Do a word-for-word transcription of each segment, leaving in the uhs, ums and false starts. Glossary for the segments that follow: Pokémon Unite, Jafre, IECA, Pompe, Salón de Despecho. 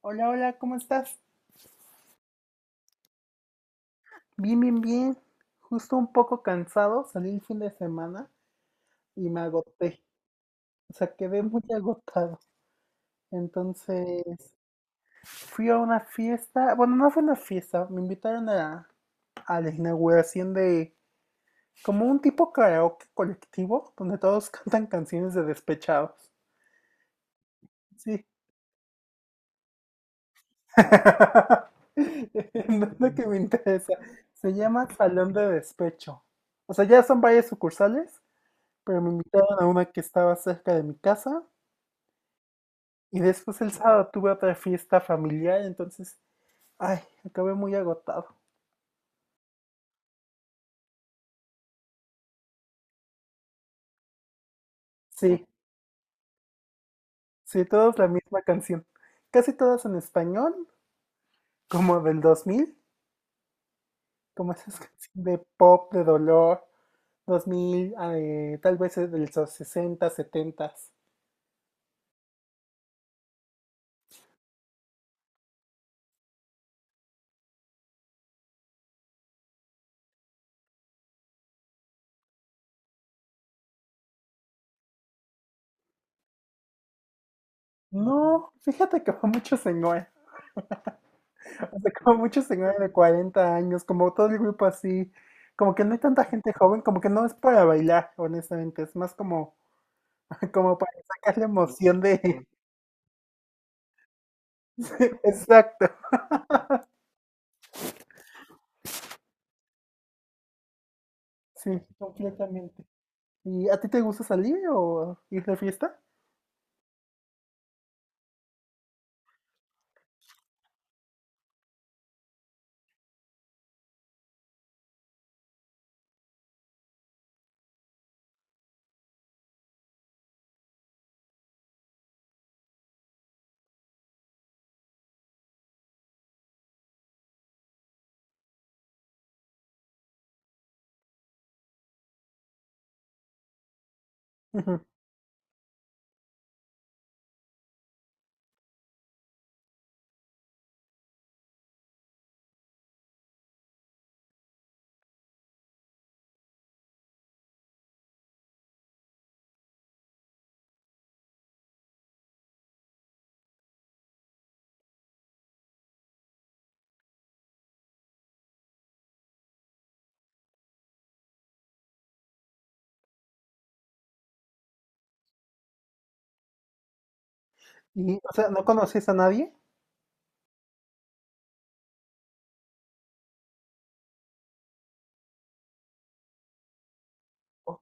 Hola, hola, ¿cómo estás? Bien, bien, bien. Justo un poco cansado, salí el fin de semana y me agoté. O sea, quedé muy agotado. Entonces, fui a una fiesta. Bueno, no fue una fiesta, me invitaron a, a la inauguración de como un tipo karaoke colectivo donde todos cantan canciones de despechados. Sí. No es lo que me interesa. Se llama Salón de Despecho. O sea, ya son varias sucursales pero me invitaron a una que estaba cerca de mi casa y después el sábado tuve otra fiesta familiar, entonces, ay, acabé muy agotado. Sí, sí, todas la misma canción. Casi todas en español, como del dos mil, como esas canciones de pop, de dolor, dos mil, eh, tal vez es de los sesenta, setenta. No, fíjate que fue mucho señor. O sea, como muchos señores de cuarenta años, como todo el grupo así, como que no hay tanta gente joven, como que no es para bailar, honestamente, es más como, como para sacar la emoción de... Exacto, sí, completamente. ¿Y a ti te gusta salir o ir de fiesta? Ujú. Y, o sea, ¿no conocías a nadie? Oh,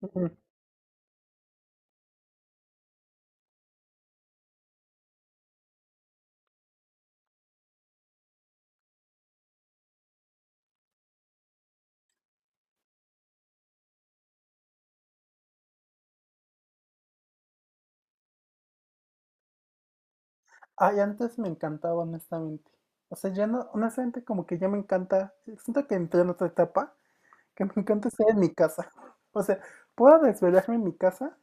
ujú. Ay, antes me encantaba, honestamente. O sea, ya no, honestamente, como que ya me encanta, siento que entré en otra etapa, que me encanta estar en mi casa. O sea, puedo desvelarme en mi casa.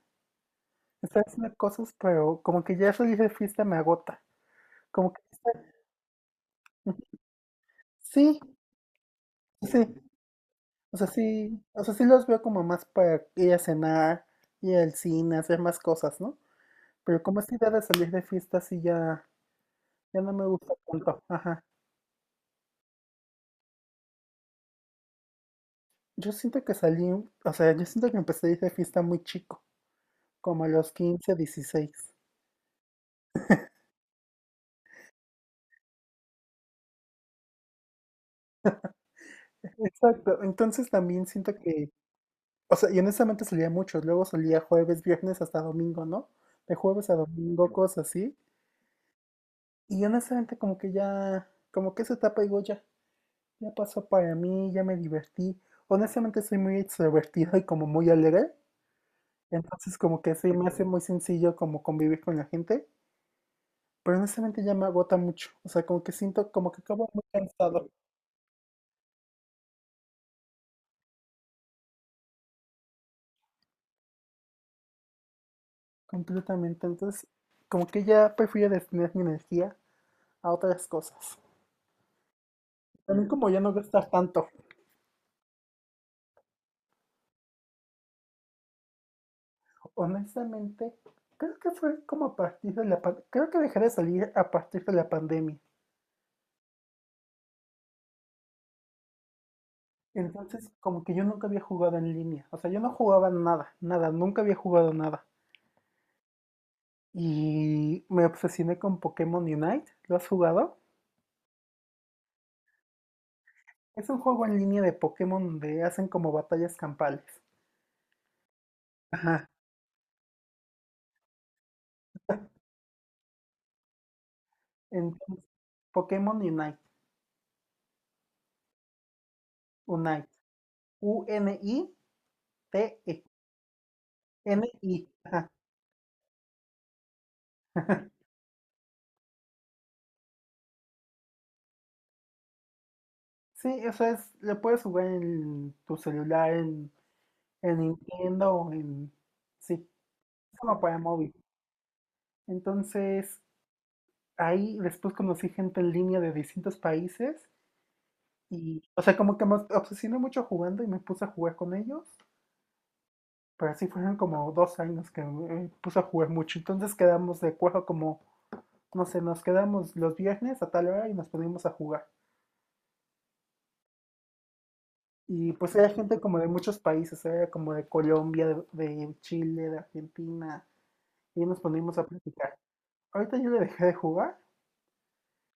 Está haciendo cosas, pero como que ya eso de fiesta me agota. Como que está- ujú, sí, sí. O sea, sí, o sea, sí los veo como más para ir a cenar, ir al cine, hacer más cosas, ¿no? Pero como esta idea de salir de fiesta sí ya, ya no me gusta tanto. Ajá. Yo siento que salí, o sea, yo siento que empecé a ir de fiesta muy chico, como a los quince dieciséis. Exacto. Entonces también siento que, o sea, y honestamente salía mucho. Luego salía jueves, viernes hasta domingo, ¿no? De jueves a domingo, cosas así. Y honestamente como que ya, como que esa etapa digo ya, ya pasó para mí, ya me divertí. Honestamente soy muy extrovertido y como muy alegre, entonces como que se me hace muy sencillo como convivir con la gente, pero honestamente ya me agota mucho, o sea, como que siento como que acabo muy cansado completamente, entonces como que ya prefiero destinar mi energía a otras cosas. También como ya no gastar tanto, honestamente, creo que fue como a partir de la, pan- creo que dejé de salir a partir de la pandemia. Entonces, como que yo nunca había jugado en línea. O sea, yo no jugaba nada, nada, nunca había jugado nada. Y me obsesioné con Pokémon Unite. ¿Lo has jugado? Es un juego en línea de Pokémon donde hacen como batallas campales. Ajá. Entonces, Pokémon Unite. Unite. U N I T E. N I. Ajá. Sí, eso es, lo puedes jugar en tu celular, en, en Nintendo, en... Sí, es como para móvil. Entonces, ahí después conocí gente en línea de distintos países y, o sea, como que me obsesioné mucho jugando y me puse a jugar con ellos, pero así fueron como dos años que me puse a jugar mucho. Entonces quedamos de acuerdo como, no sé, nos quedamos los viernes a tal hora y nos poníamos a jugar. Y pues era gente como de muchos países, era como de Colombia, de, de Chile, de Argentina, y nos poníamos a platicar. Ahorita yo le dejé de jugar,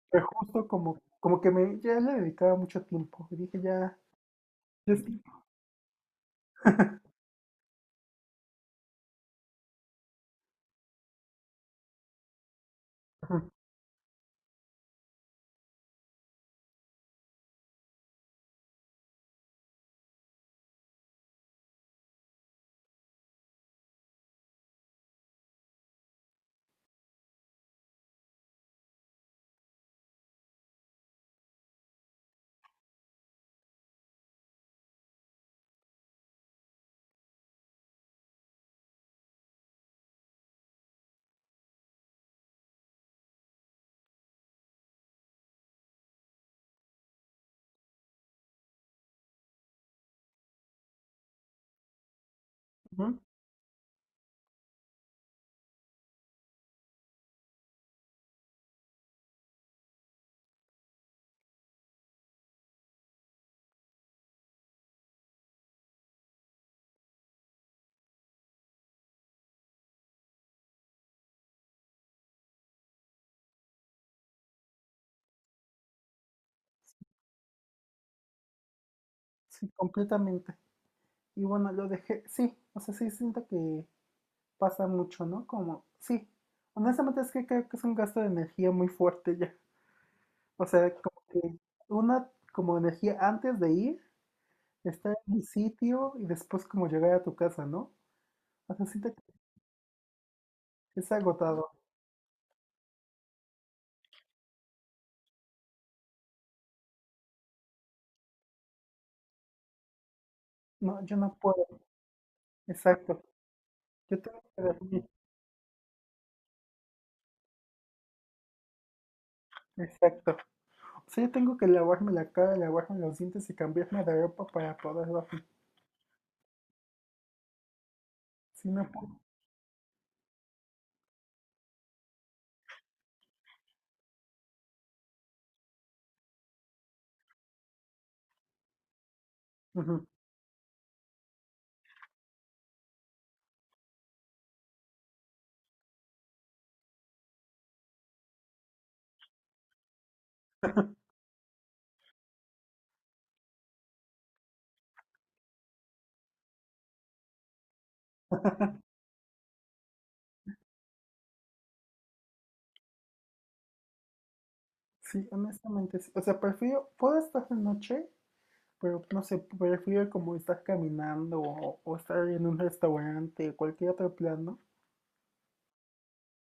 pero justo como, como que me, ya le dedicaba mucho tiempo. Y dije, ya, ya es tiempo. Sí, completamente. Y bueno, lo dejé, sí, o sea, sí siento que pasa mucho, ¿no? Como, sí, honestamente es que creo que es un gasto de energía muy fuerte ya. O sea, como que una como energía antes de ir, estar en un sitio y después como llegar a tu casa, ¿no? O sea, siento que es agotado. No, yo no puedo. Exacto. Yo tengo que dormir. Exacto. O sea, yo tengo que lavarme la cara, lavarme los dientes y cambiarme de ropa para poder dormir. Si no puedo. Sí, honestamente, sí. O sea, prefiero, puedo estar de noche, pero no sé, prefiero como estar caminando o, o estar en un restaurante, o cualquier otro plano.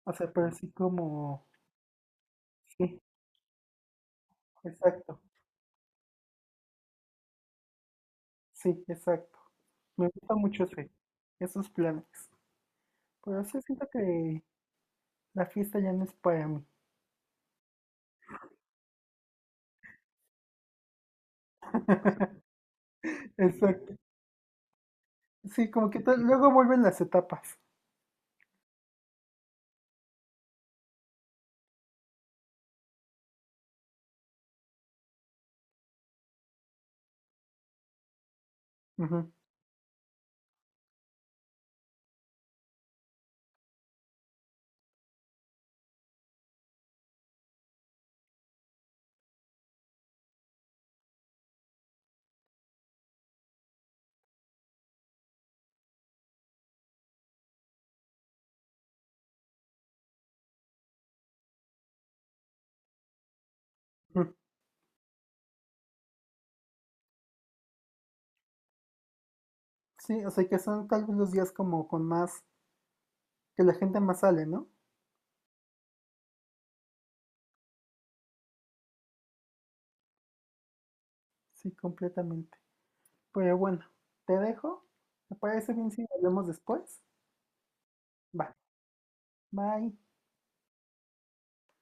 O sea, pero así como, sí, exacto, sí, exacto. Me gusta mucho ese, esos planes. Pero sí siento que la fiesta ya no es para mí. Exacto. Sí, como que tal- luego vuelven las etapas. Ujú, ujú. Sí, o sea, que son tal vez los días como con más, que la gente más sale, ¿no? Sí, completamente. Pero bueno, te dejo. ¿Me parece bien si hablamos después? Vale, bye.